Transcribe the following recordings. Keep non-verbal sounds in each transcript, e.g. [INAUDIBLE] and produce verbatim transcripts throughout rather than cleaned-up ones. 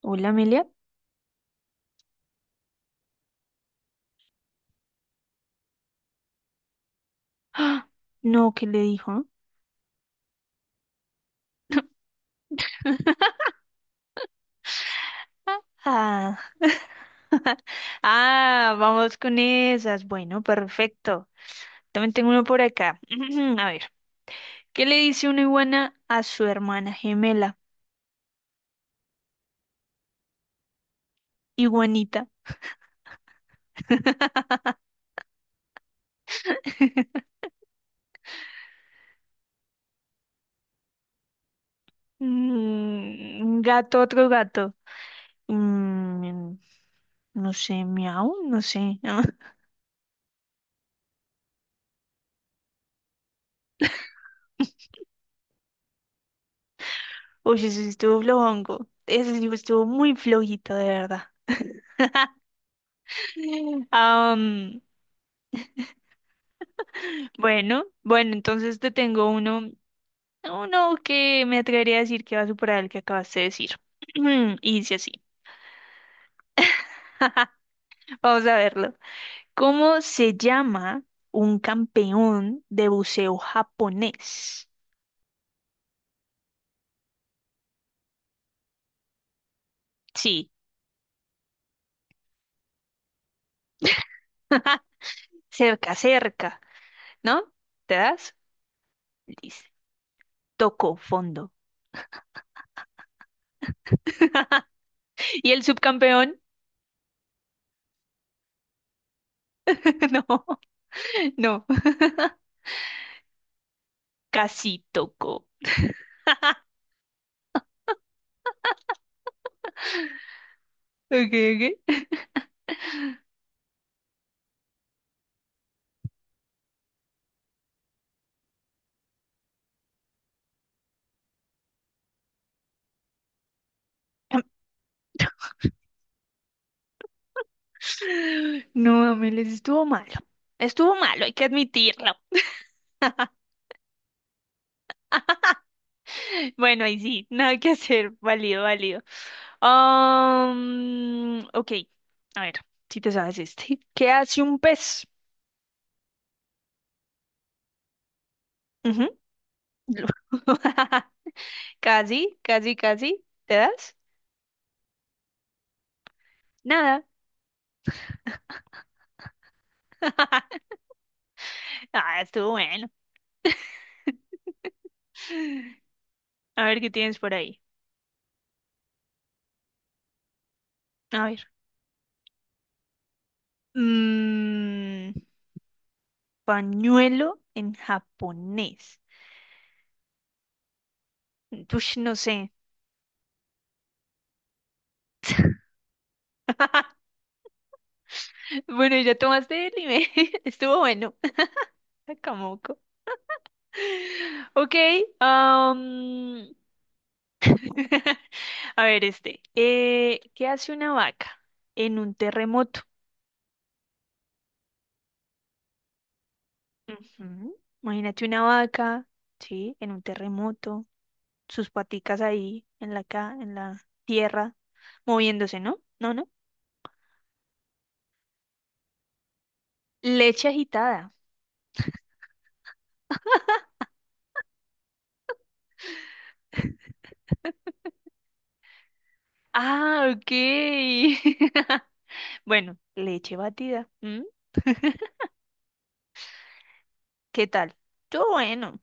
Hola, Amelia. ¡Ah! No, ¿qué le dijo? Ah. [LAUGHS] Ah, vamos con esas. Bueno, perfecto. También tengo uno por acá. [CLEARS THROAT] A ver, ¿qué le dice una iguana a su hermana gemela? Iguanita. Mm, un gato, otro gato. Mm, no sé, miau, no sé. [LAUGHS] Oye, ese sí estuvo flojongo. Ese sí estuvo muy flojito, de verdad. [LAUGHS] Am, bueno, bueno, entonces te tengo uno. Uno que me atrevería a decir que va a superar el que acabaste de decir. [CLEARS THROAT] Y dice así. Vamos a verlo. ¿Cómo se llama un campeón de buceo japonés? Sí, cerca, cerca, ¿no? ¿Te das? Listo. Tocó fondo. ¿Y el subcampeón? [LAUGHS] No, no, casi tocó. Ok, ok. [CLEARS THROAT] No, Amel, estuvo malo. Estuvo malo, hay que admitirlo. Bueno, ahí sí, nada que hacer, [LAUGHS] válido, válido. Um, ok, a ver, si te sabes este. ¿Qué hace un pez? Ujú. [LAUGHS] Casi, casi, casi. ¿Te das? Nada. [LAUGHS] Ah, estuvo bueno. A ver qué tienes por ahí. A ver. Mm, pañuelo en japonés. Ush, no sé. [LAUGHS] Bueno, ya tomaste el anime. [LAUGHS] Estuvo bueno. [LAUGHS] Kamoko. Ok, am, [LAUGHS] a ver este. eh, ¿qué hace una vaca en un terremoto? Ujú, imagínate una vaca, ¿sí? En un terremoto, sus paticas ahí en la, ca- en la tierra, moviéndose, ¿no? No, no. Leche agitada. Ah, ok. [LAUGHS] Bueno, leche batida. ¿M? ¿Qué tal? Todo bueno.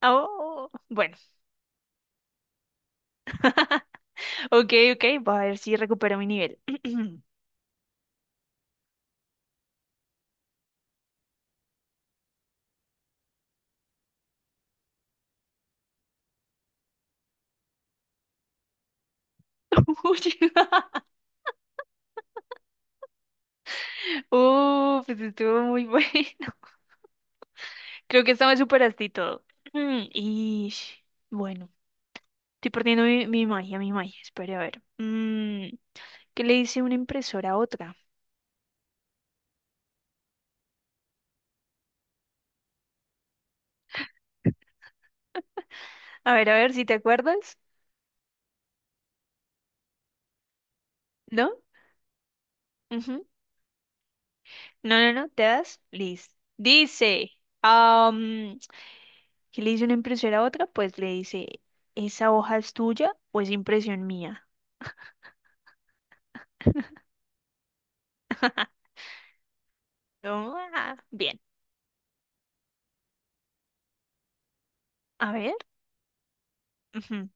Ah, oh, bueno, [LAUGHS] ok, ok, voy a ver si recupero mi nivel. [CLEARS THROAT] Uy, [LAUGHS] oh, pues estuvo muy bueno. [LAUGHS] Creo que esta me superaste y todo. Y bueno, estoy perdiendo mi, mi magia, mi magia. Espera, a ver. Mm, ¿qué le dice una impresora a otra? A ver, a ver si te acuerdas. ¿No? Ujú. No, no, no, te das. Listo. Dice, am, ¿qué le dice una impresora a otra? Pues le dice, ¿esa hoja es tuya o es impresión mía? [LAUGHS] Toma. Bien. A ver. Ujú.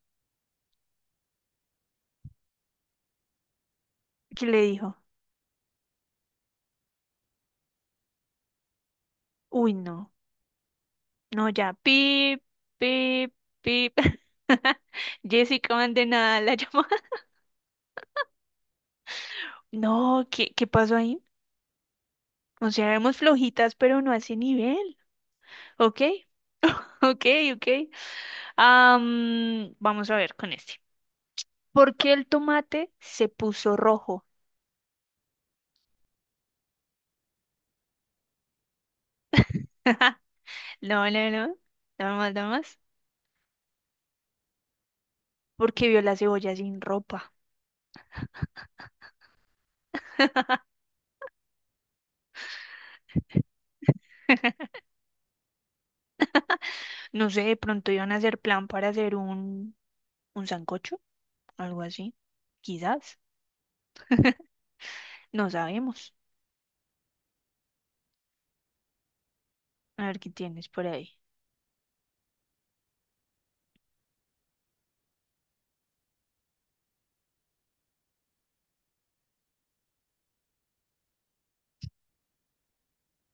¿Qué le dijo? Uy, no. No, ya. Pip, pip, pip. [LAUGHS] Jessica, manden a la [LAUGHS] llamada. No, ¿qué, qué pasó ahí? O sea, éramos flojitas, pero no a ese nivel. Ok, ok, ok. Am, vamos a ver con este. ¿Por qué el tomate se puso rojo? [LAUGHS] No, no, no. Dame más, dame más. Porque vio la cebolla sin ropa. [LAUGHS] No sé, de pronto iban a hacer plan para hacer un, un sancocho, algo así. Quizás. No sabemos. A ver qué tienes por ahí.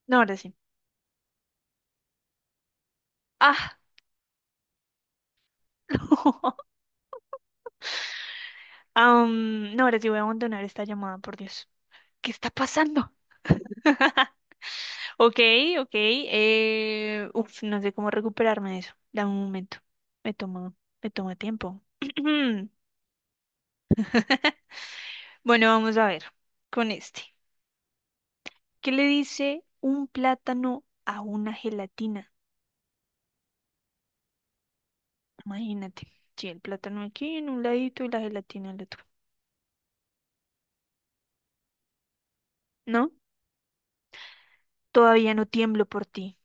No, ahora sí. Ah, [LAUGHS] am, no, ahora sí voy a abandonar esta llamada, por Dios. ¿Qué está pasando? [LAUGHS] Ok, ok. Eh, uf, no sé cómo recuperarme de eso. Dame un momento. Me tomo, me toma tiempo. [CLEARS THROAT] Bueno, vamos a ver con este. ¿Qué le dice un plátano a una gelatina? Imagínate. Sí, el plátano aquí en un ladito y la gelatina al otro. ¿No? Todavía no tiemblo por ti.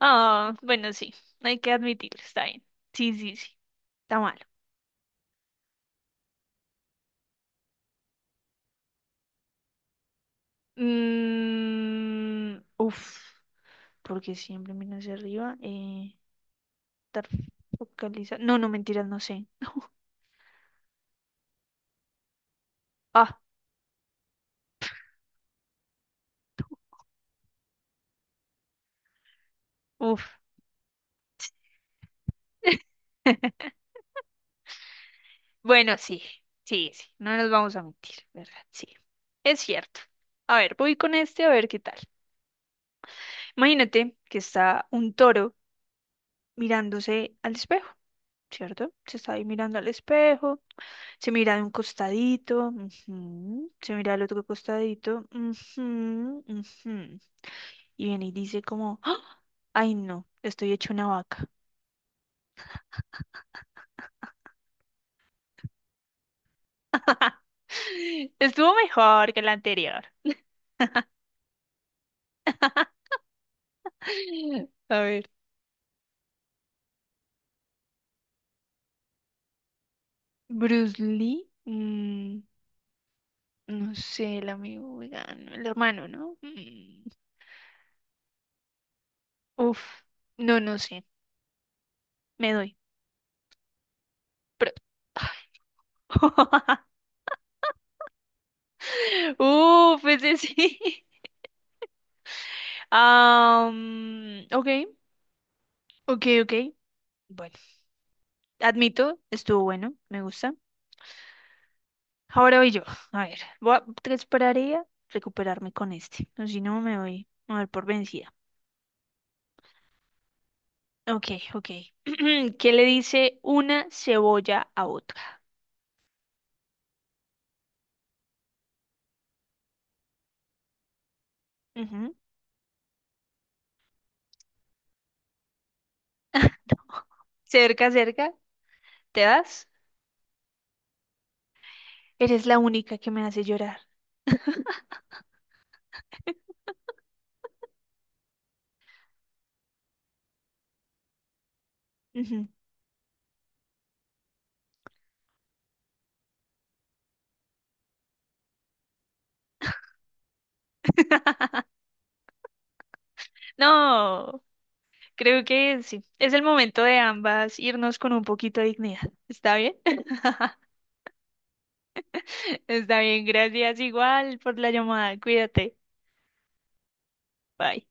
Ah, bueno, sí, hay que admitirlo, está bien. Sí, sí, sí, está malo. Mm, uf, porque siempre miro hacia arriba. Eh, estar focalizado. No, no, mentiras, no sé. [LAUGHS] Ah, uf. [LAUGHS] Bueno, sí, sí, sí, no nos vamos a mentir, ¿verdad? Sí, es cierto. A ver, voy con este a ver qué tal. Imagínate que está un toro mirándose al espejo. ¿Cierto? Se está ahí mirando al espejo, se mira de un costadito, ujú, se mira al otro costadito, ujú, ujú, y viene y dice como, ¡ah! Ay no, estoy hecho una vaca. [LAUGHS] Estuvo mejor que la anterior. [LAUGHS] A ver, Bruce Lee, mm, no sé, el amigo vegano, el hermano, ¿no? Mm, uf, no, no sé, me doy. Pero [LAUGHS] uf, ese sí. Ah, mm, ok, ok, ok. Bueno, admito, estuvo bueno, me gusta. Ahora voy yo. A ver, voy a- te esperaría recuperarme con este. O si no, me voy a dar por vencida. Ok, ok. [CLEARS THROAT] ¿Qué le dice una cebolla a otra? Ujú. [LAUGHS] Cerca, cerca, ¿te das? Eres la única que me hace llorar. Ujú. [LAUGHS] No, creo que sí. Es el momento de ambas irnos con un poquito de dignidad. ¿Está bien? [LAUGHS] [LAUGHS] Está bien, gracias igual por la llamada. Cuídate. Bye.